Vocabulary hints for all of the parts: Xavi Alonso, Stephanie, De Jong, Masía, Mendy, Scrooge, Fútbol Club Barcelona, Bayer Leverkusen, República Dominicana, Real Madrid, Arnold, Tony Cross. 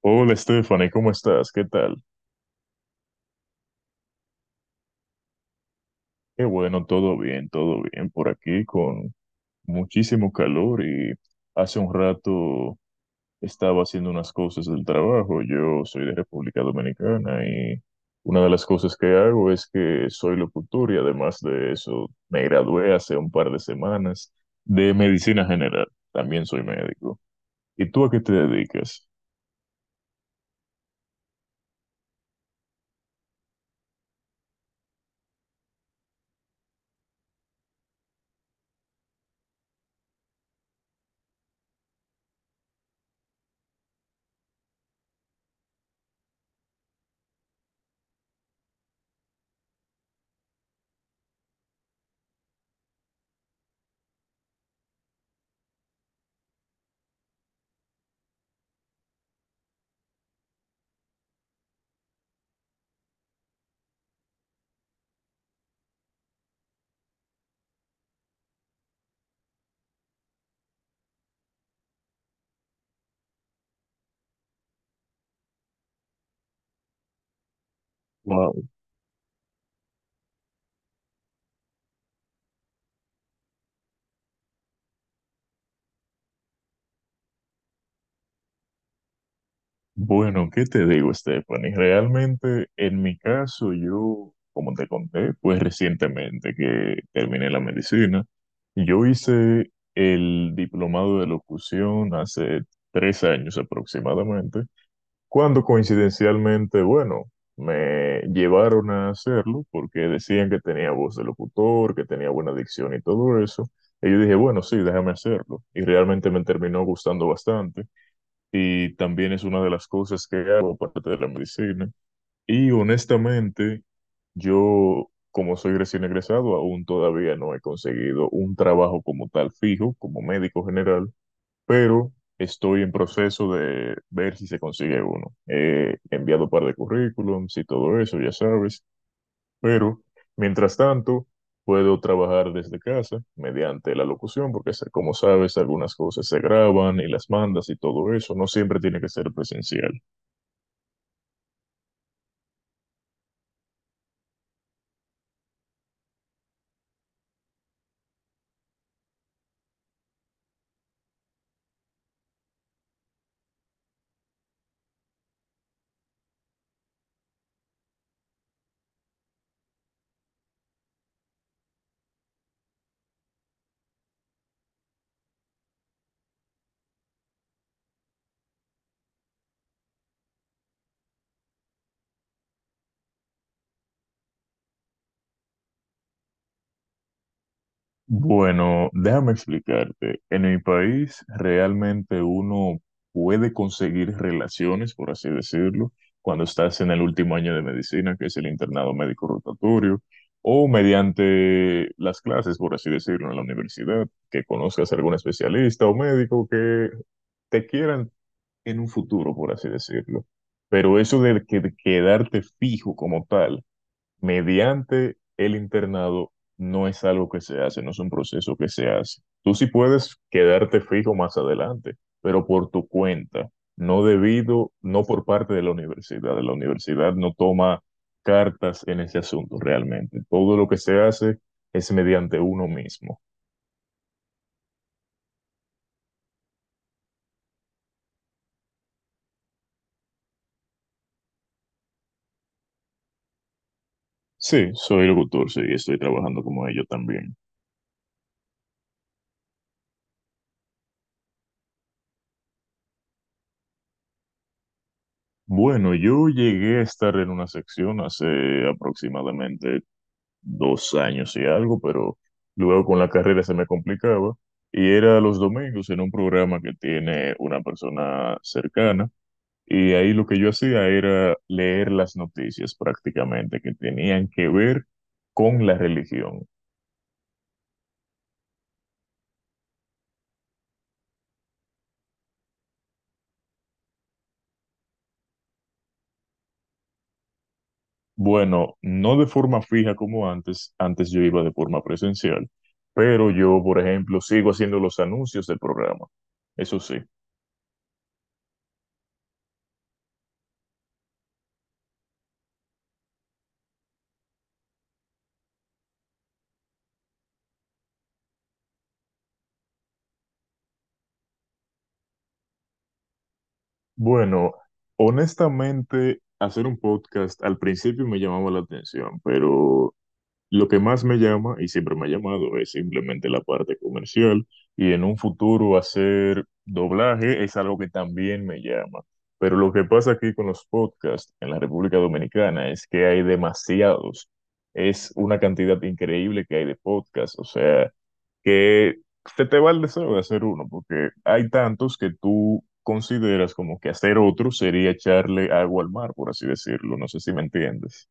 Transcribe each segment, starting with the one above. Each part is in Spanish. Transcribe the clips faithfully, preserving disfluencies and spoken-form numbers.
Hola Stephanie, ¿cómo estás? ¿Qué tal? Qué bueno, todo bien, todo bien por aquí con muchísimo calor y hace un rato estaba haciendo unas cosas del trabajo. Yo soy de República Dominicana y una de las cosas que hago es que soy locutor y además de eso me gradué hace un par de semanas de medicina general. También soy médico. ¿Y tú a qué te dedicas? Bueno, ¿qué te digo, Stephanie? Realmente, en mi caso, yo, como te conté, pues recientemente que terminé la medicina, yo hice el diplomado de locución hace tres años aproximadamente, cuando coincidencialmente, bueno, me llevaron a hacerlo porque decían que tenía voz de locutor, que tenía buena dicción y todo eso. Y yo dije, bueno, sí, déjame hacerlo. Y realmente me terminó gustando bastante y también es una de las cosas que hago aparte de la medicina. Y honestamente, yo, como soy recién egresado, aún todavía no he conseguido un trabajo como tal fijo, como médico general, pero estoy en proceso de ver si se consigue uno. He enviado un par de currículums y todo eso, ya sabes. Pero, mientras tanto, puedo trabajar desde casa mediante la locución, porque se- como sabes, algunas cosas se graban y las mandas y todo eso. No siempre tiene que ser presencial. Bueno, déjame explicarte. En mi país realmente uno puede conseguir relaciones, por así decirlo, cuando estás en el último año de medicina, que es el internado médico rotatorio, o mediante las clases, por así decirlo, en la universidad, que conozcas a algún especialista o médico que te quieran en un futuro, por así decirlo. Pero eso de que- de quedarte fijo como tal mediante el internado no es algo que se hace, no es un proceso que se hace. Tú sí puedes quedarte fijo más adelante, pero por tu cuenta, no debido, no por parte de la universidad. La universidad no toma cartas en ese asunto realmente. Todo lo que se hace es mediante uno mismo. Sí, soy locutor, sí, y estoy trabajando como ello también. Bueno, yo llegué a estar en una sección hace aproximadamente dos años y algo, pero luego con la carrera se me complicaba. Y era los domingos en un programa que tiene una persona cercana. Y ahí lo que yo hacía era leer las noticias prácticamente que tenían que ver con la religión. Bueno, no de forma fija como antes, antes yo iba de forma presencial, pero yo, por ejemplo, sigo haciendo los anuncios del programa. Eso sí. Bueno, honestamente, hacer un podcast al principio me llamaba la atención, pero lo que más me llama y siempre me ha llamado es simplemente la parte comercial y en un futuro hacer doblaje es algo que también me llama. Pero lo que pasa aquí con los podcasts en la República Dominicana es que hay demasiados. Es una cantidad increíble que hay de podcasts. O sea, que se te va el deseo de hacer uno, porque hay tantos que tú consideras como que hacer otro sería echarle agua al mar, por así decirlo. No sé si me entiendes.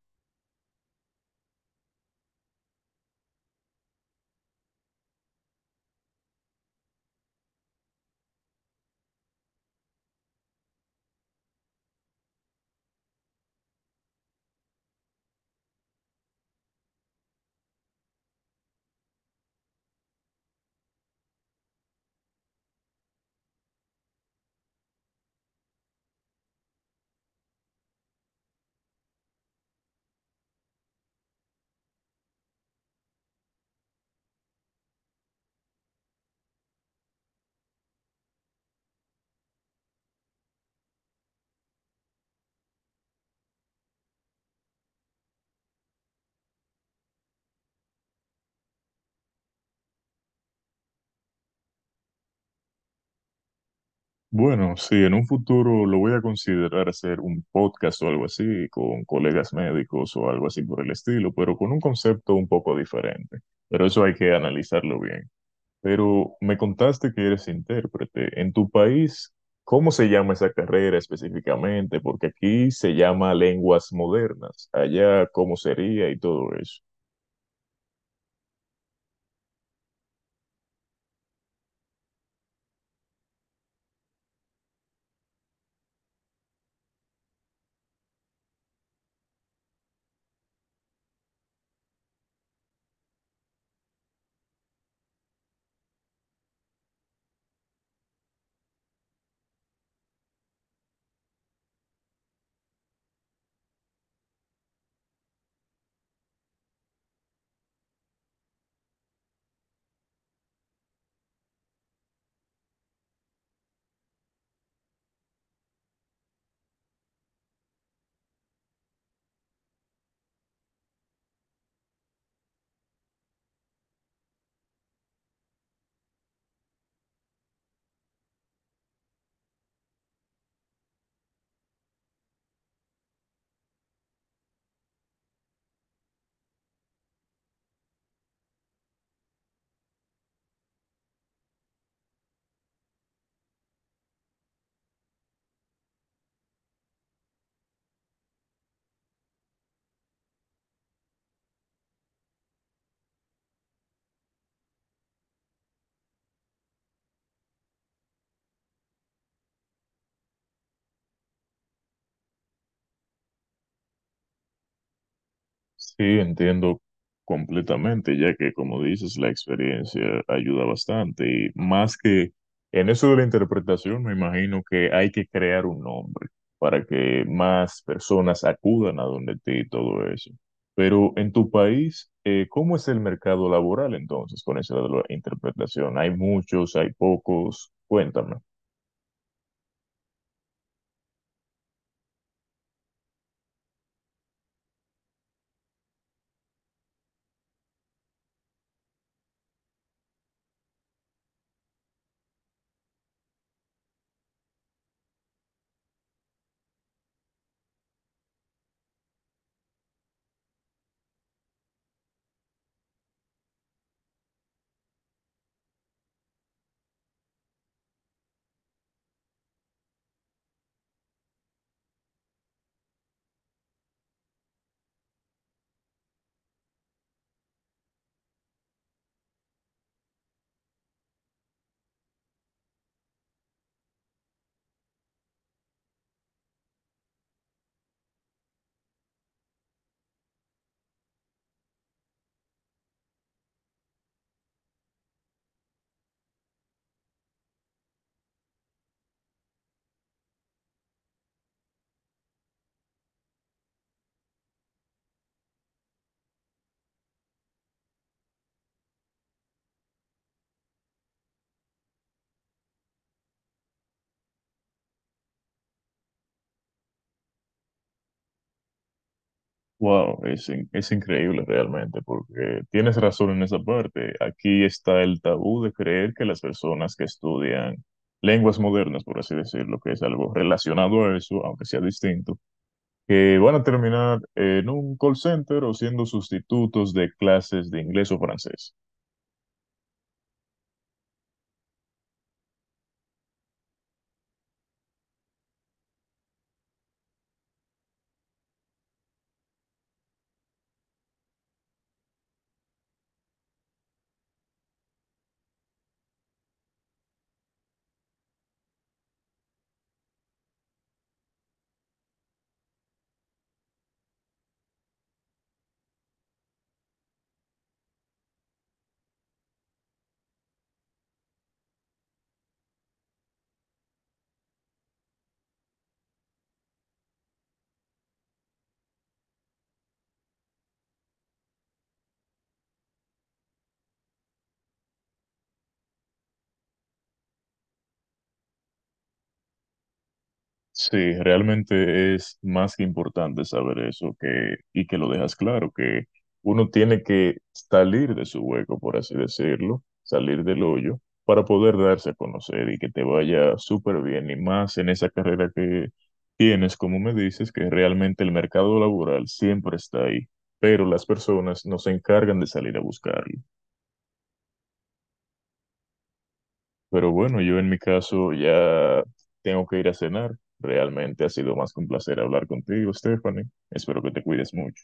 Bueno, sí, en un futuro lo voy a considerar hacer un podcast o algo así, con colegas médicos o algo así por el estilo, pero con un concepto un poco diferente. Pero eso hay que analizarlo bien. Pero me contaste que eres intérprete. En tu país, ¿cómo se llama esa carrera específicamente? Porque aquí se llama lenguas modernas. Allá, ¿cómo sería y todo eso? Sí, entiendo completamente, ya que como dices, la experiencia ayuda bastante y más que en eso de la interpretación, me imagino que hay que crear un nombre para que más personas acudan a donde ti y todo eso. Pero en tu país, eh, ¿cómo es el mercado laboral entonces con eso de la interpretación? ¿Hay muchos, hay pocos? Cuéntame. Wow, es, in- es increíble realmente, porque tienes razón en esa parte. Aquí está el tabú de creer que las personas que estudian lenguas modernas, por así decirlo, que es algo relacionado a eso, aunque sea distinto, que van a terminar en un call center o siendo sustitutos de clases de inglés o francés. Sí, realmente es más que importante saber eso que, y que lo dejas claro, que uno tiene que salir de su hueco, por así decirlo, salir del hoyo, para poder darse a conocer y que te vaya súper bien, y más en esa carrera que tienes, como me dices, que realmente el mercado laboral siempre está ahí, pero las personas no se encargan de salir a buscarlo. Pero bueno, yo en mi caso ya tengo que ir a cenar. Realmente ha sido más que un placer hablar contigo, Stephanie. Espero que te cuides mucho.